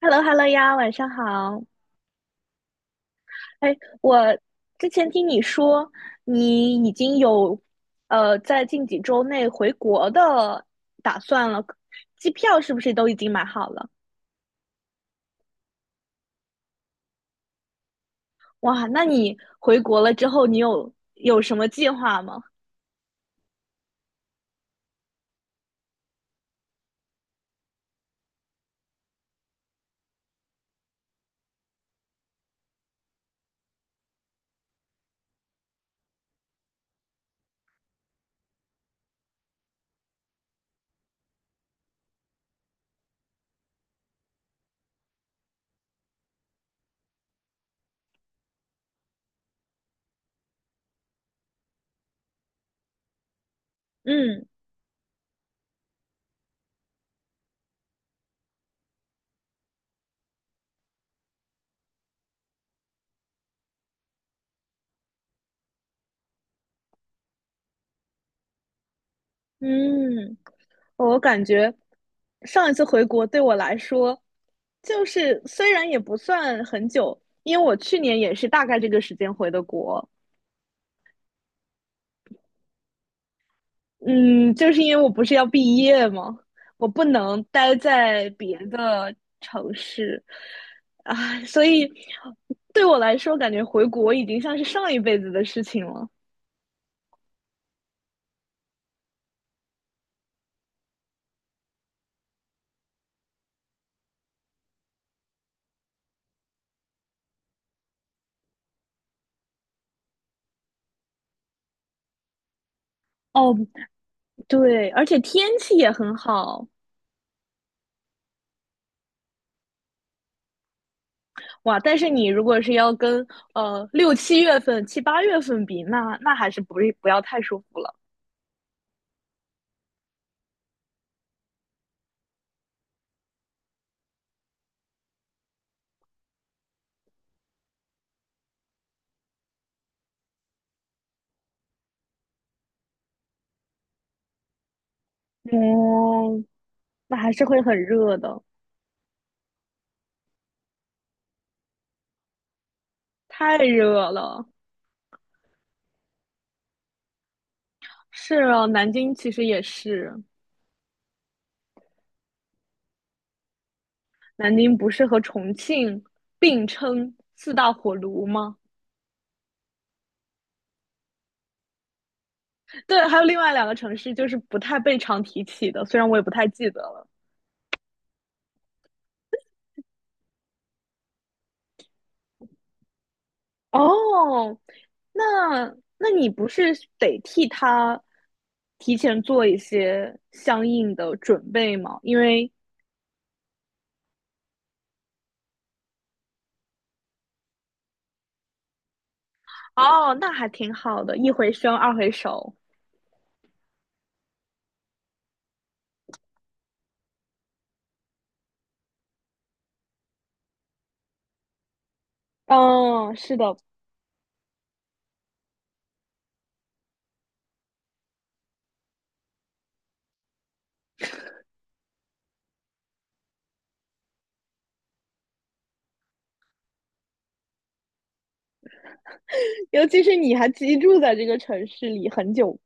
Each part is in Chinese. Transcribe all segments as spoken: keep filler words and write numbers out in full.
h e l l o h e l l o 呀，晚上好。哎，我之前听你说你已经有呃在近几周内回国的打算了，机票是不是都已经买好了？哇，那你回国了之后，你有有什么计划吗？嗯嗯，我感觉上一次回国对我来说，就是虽然也不算很久，因为我去年也是大概这个时间回的国，嗯，就是因为我不是要毕业吗？我不能待在别的城市，啊，所以对我来说，感觉回国已经像是上一辈子的事情了。哦，对，而且天气也很好，哇！但是你如果是要跟呃六七月份、七八月份比，那那还是不是不要太舒服了。哦，那还是会很热的，太热了。是啊，南京其实也是。南宁不是和重庆并称四大火炉吗？对，还有另外两个城市就是不太被常提起的，虽然我也不太记得了。哦，那那你不是得替他提前做一些相应的准备吗？因为哦，那还挺好的，一回生二回熟。哦，是的，尤其是你还居住在这个城市里很久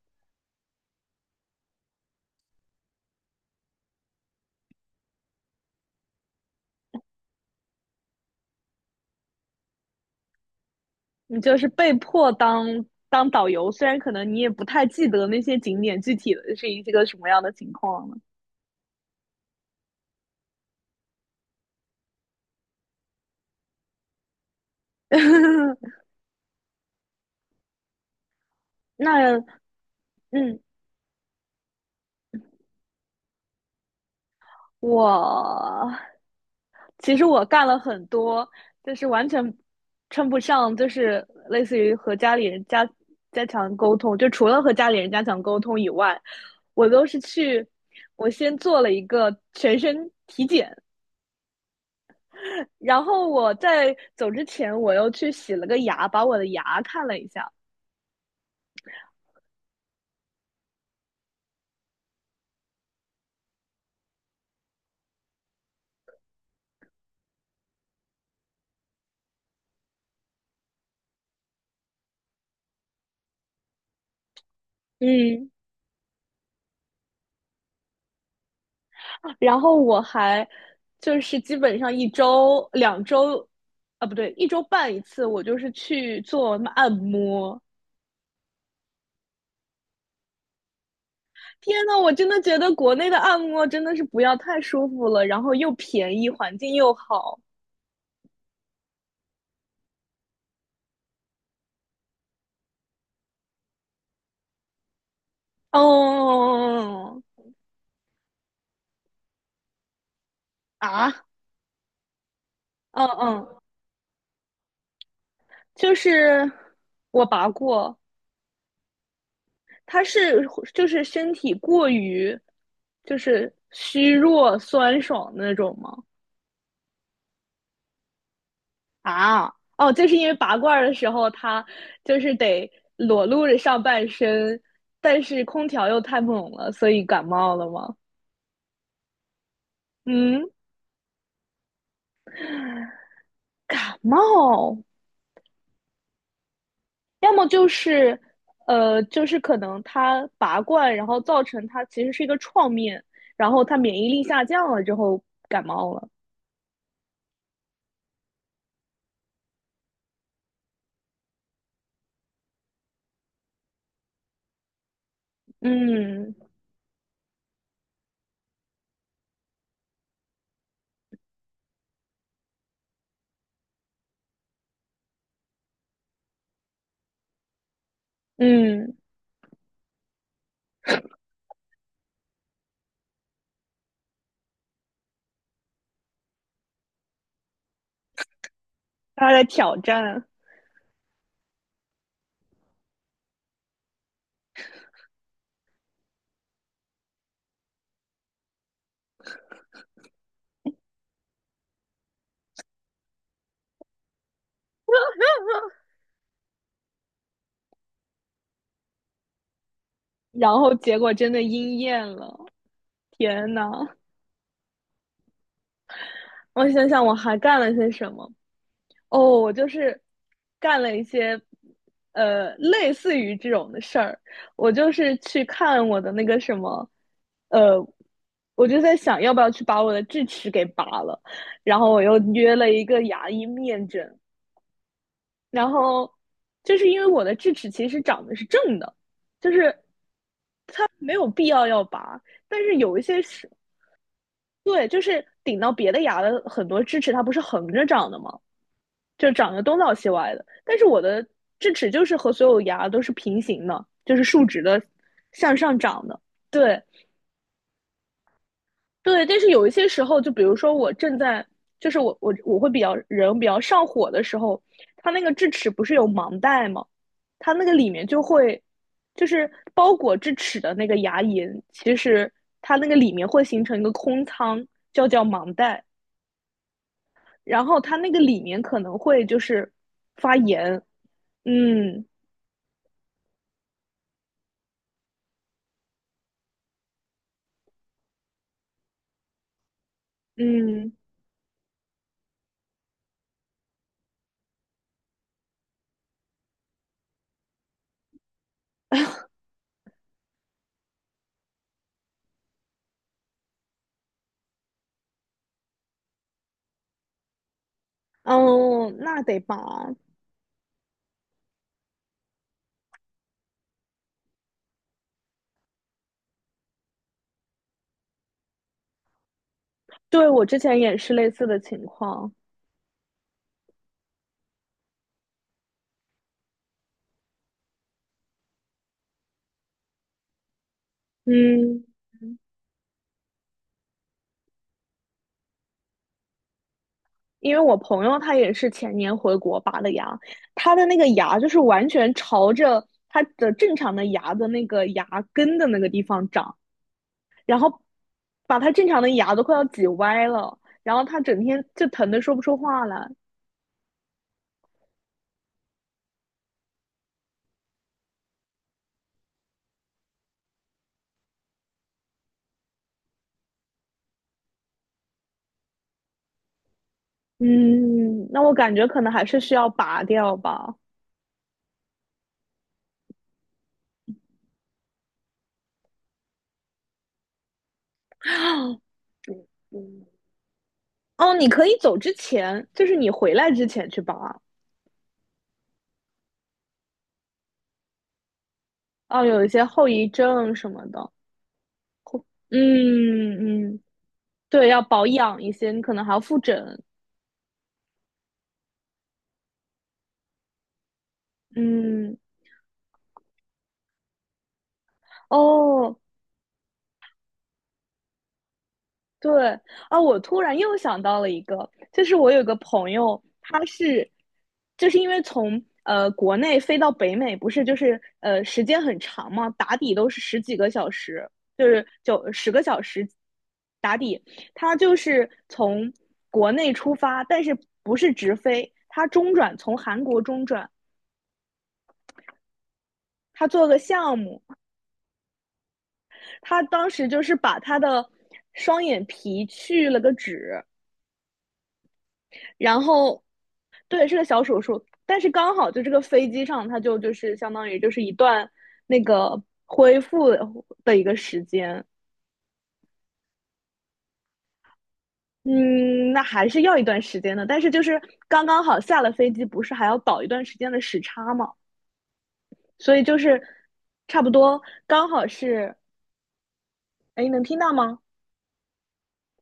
你就是被迫当当导游，虽然可能你也不太记得那些景点具体的是一个什么样的情况了。那嗯，我其实我干了很多，就是完全称不上，就是类似于和家里人加加强沟通，就除了和家里人加强沟通以外，我都是去，我先做了一个全身体检，然后我在走之前，我又去洗了个牙，把我的牙看了一下。嗯，然后我还就是基本上一周、两周，啊不对，一周半一次，我就是去做按摩。天呐，我真的觉得国内的按摩真的是不要太舒服了，然后又便宜，环境又好。哦啊，嗯嗯，就是我拔过，他是就是身体过于就是虚弱酸爽的那种吗？啊，哦，就是因为拔罐的时候他就是得裸露着上半身，但是空调又太猛了，所以感冒了吗？嗯，感冒，要么就是呃，就是可能他拔罐，然后造成他其实是一个创面，然后他免疫力下降了之后感冒了。嗯嗯，他在挑战。然后结果真的应验了，天呐，我想想我还干了些什么？哦，我就是干了一些呃类似于这种的事儿。我就是去看我的那个什么，呃，我就在想要不要去把我的智齿给拔了，然后我又约了一个牙医面诊，然后就是因为我的智齿其实长得是正的，就是它没有必要要拔，但是有一些是对，就是顶到别的牙的很多智齿，它不是横着长的吗？就长得东倒西歪的。但是我的智齿就是和所有牙都是平行的，就是竖直的，向上长的。对对，但是有一些时候，就比如说我正在，就是我我我会比较人比较上火的时候，它那个智齿不是有盲袋吗？它那个里面就会，就是包裹智齿的那个牙龈，其实它那个里面会形成一个空腔，叫叫盲袋。然后它那个里面可能会就是发炎，嗯嗯哦，那得拔。对，我之前也是类似的情况，嗯，因为我朋友他也是前年回国拔的牙，他的那个牙就是完全朝着他的正常的牙的那个牙根的那个地方长，然后把他正常的牙都快要挤歪了，然后他整天就疼的说不出话来。嗯，那我感觉可能还是需要拔掉吧。哦，你可以走之前，就是你回来之前去保啊。哦，有一些后遗症什么的。嗯嗯，对，要保养一些，你可能还要复诊。嗯，哦，对啊，我突然又想到了一个，就是我有个朋友，他是，就是因为从呃国内飞到北美，不是就是呃时间很长嘛，打底都是十几个小时，就是九十个小时打底。他就是从国内出发，但是不是直飞，他中转从韩国中转，他做个项目，他当时就是把他的双眼皮去了个脂。然后，对，是个小手术，但是刚好就这个飞机上，它就就是相当于就是一段那个恢复的一个时间。嗯，那还是要一段时间的，但是就是刚刚好下了飞机，不是还要倒一段时间的时差嘛，所以就是差不多刚好是，哎，能听到吗？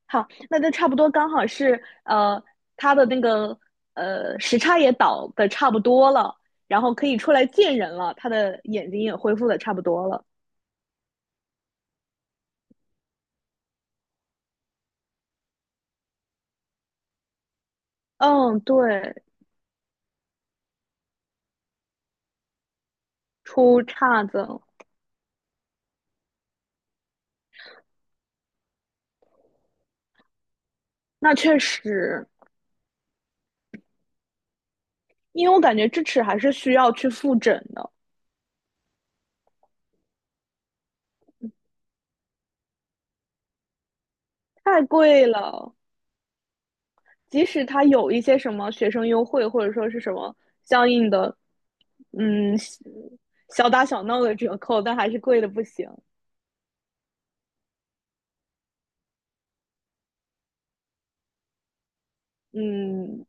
好，那就差不多刚好是呃，他的那个呃时差也倒的差不多了，然后可以出来见人了，他的眼睛也恢复的差不多了。嗯，对，出岔子了，那确实，因为我感觉智齿还是需要去复诊的，太贵了。即使他有一些什么学生优惠，或者说是什么相应的，嗯，小打小闹的折扣，但还是贵的不行。嗯，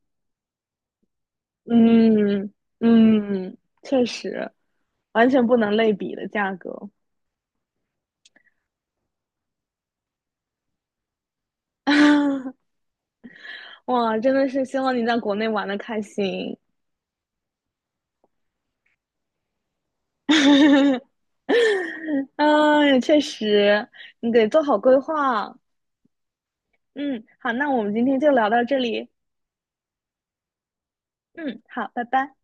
嗯嗯，确实，完全不能类比的价格。哇，真的是希望你在国内玩的开心。嗯，也确实，你得做好规划。嗯，好，那我们今天就聊到这里。嗯，好，拜拜。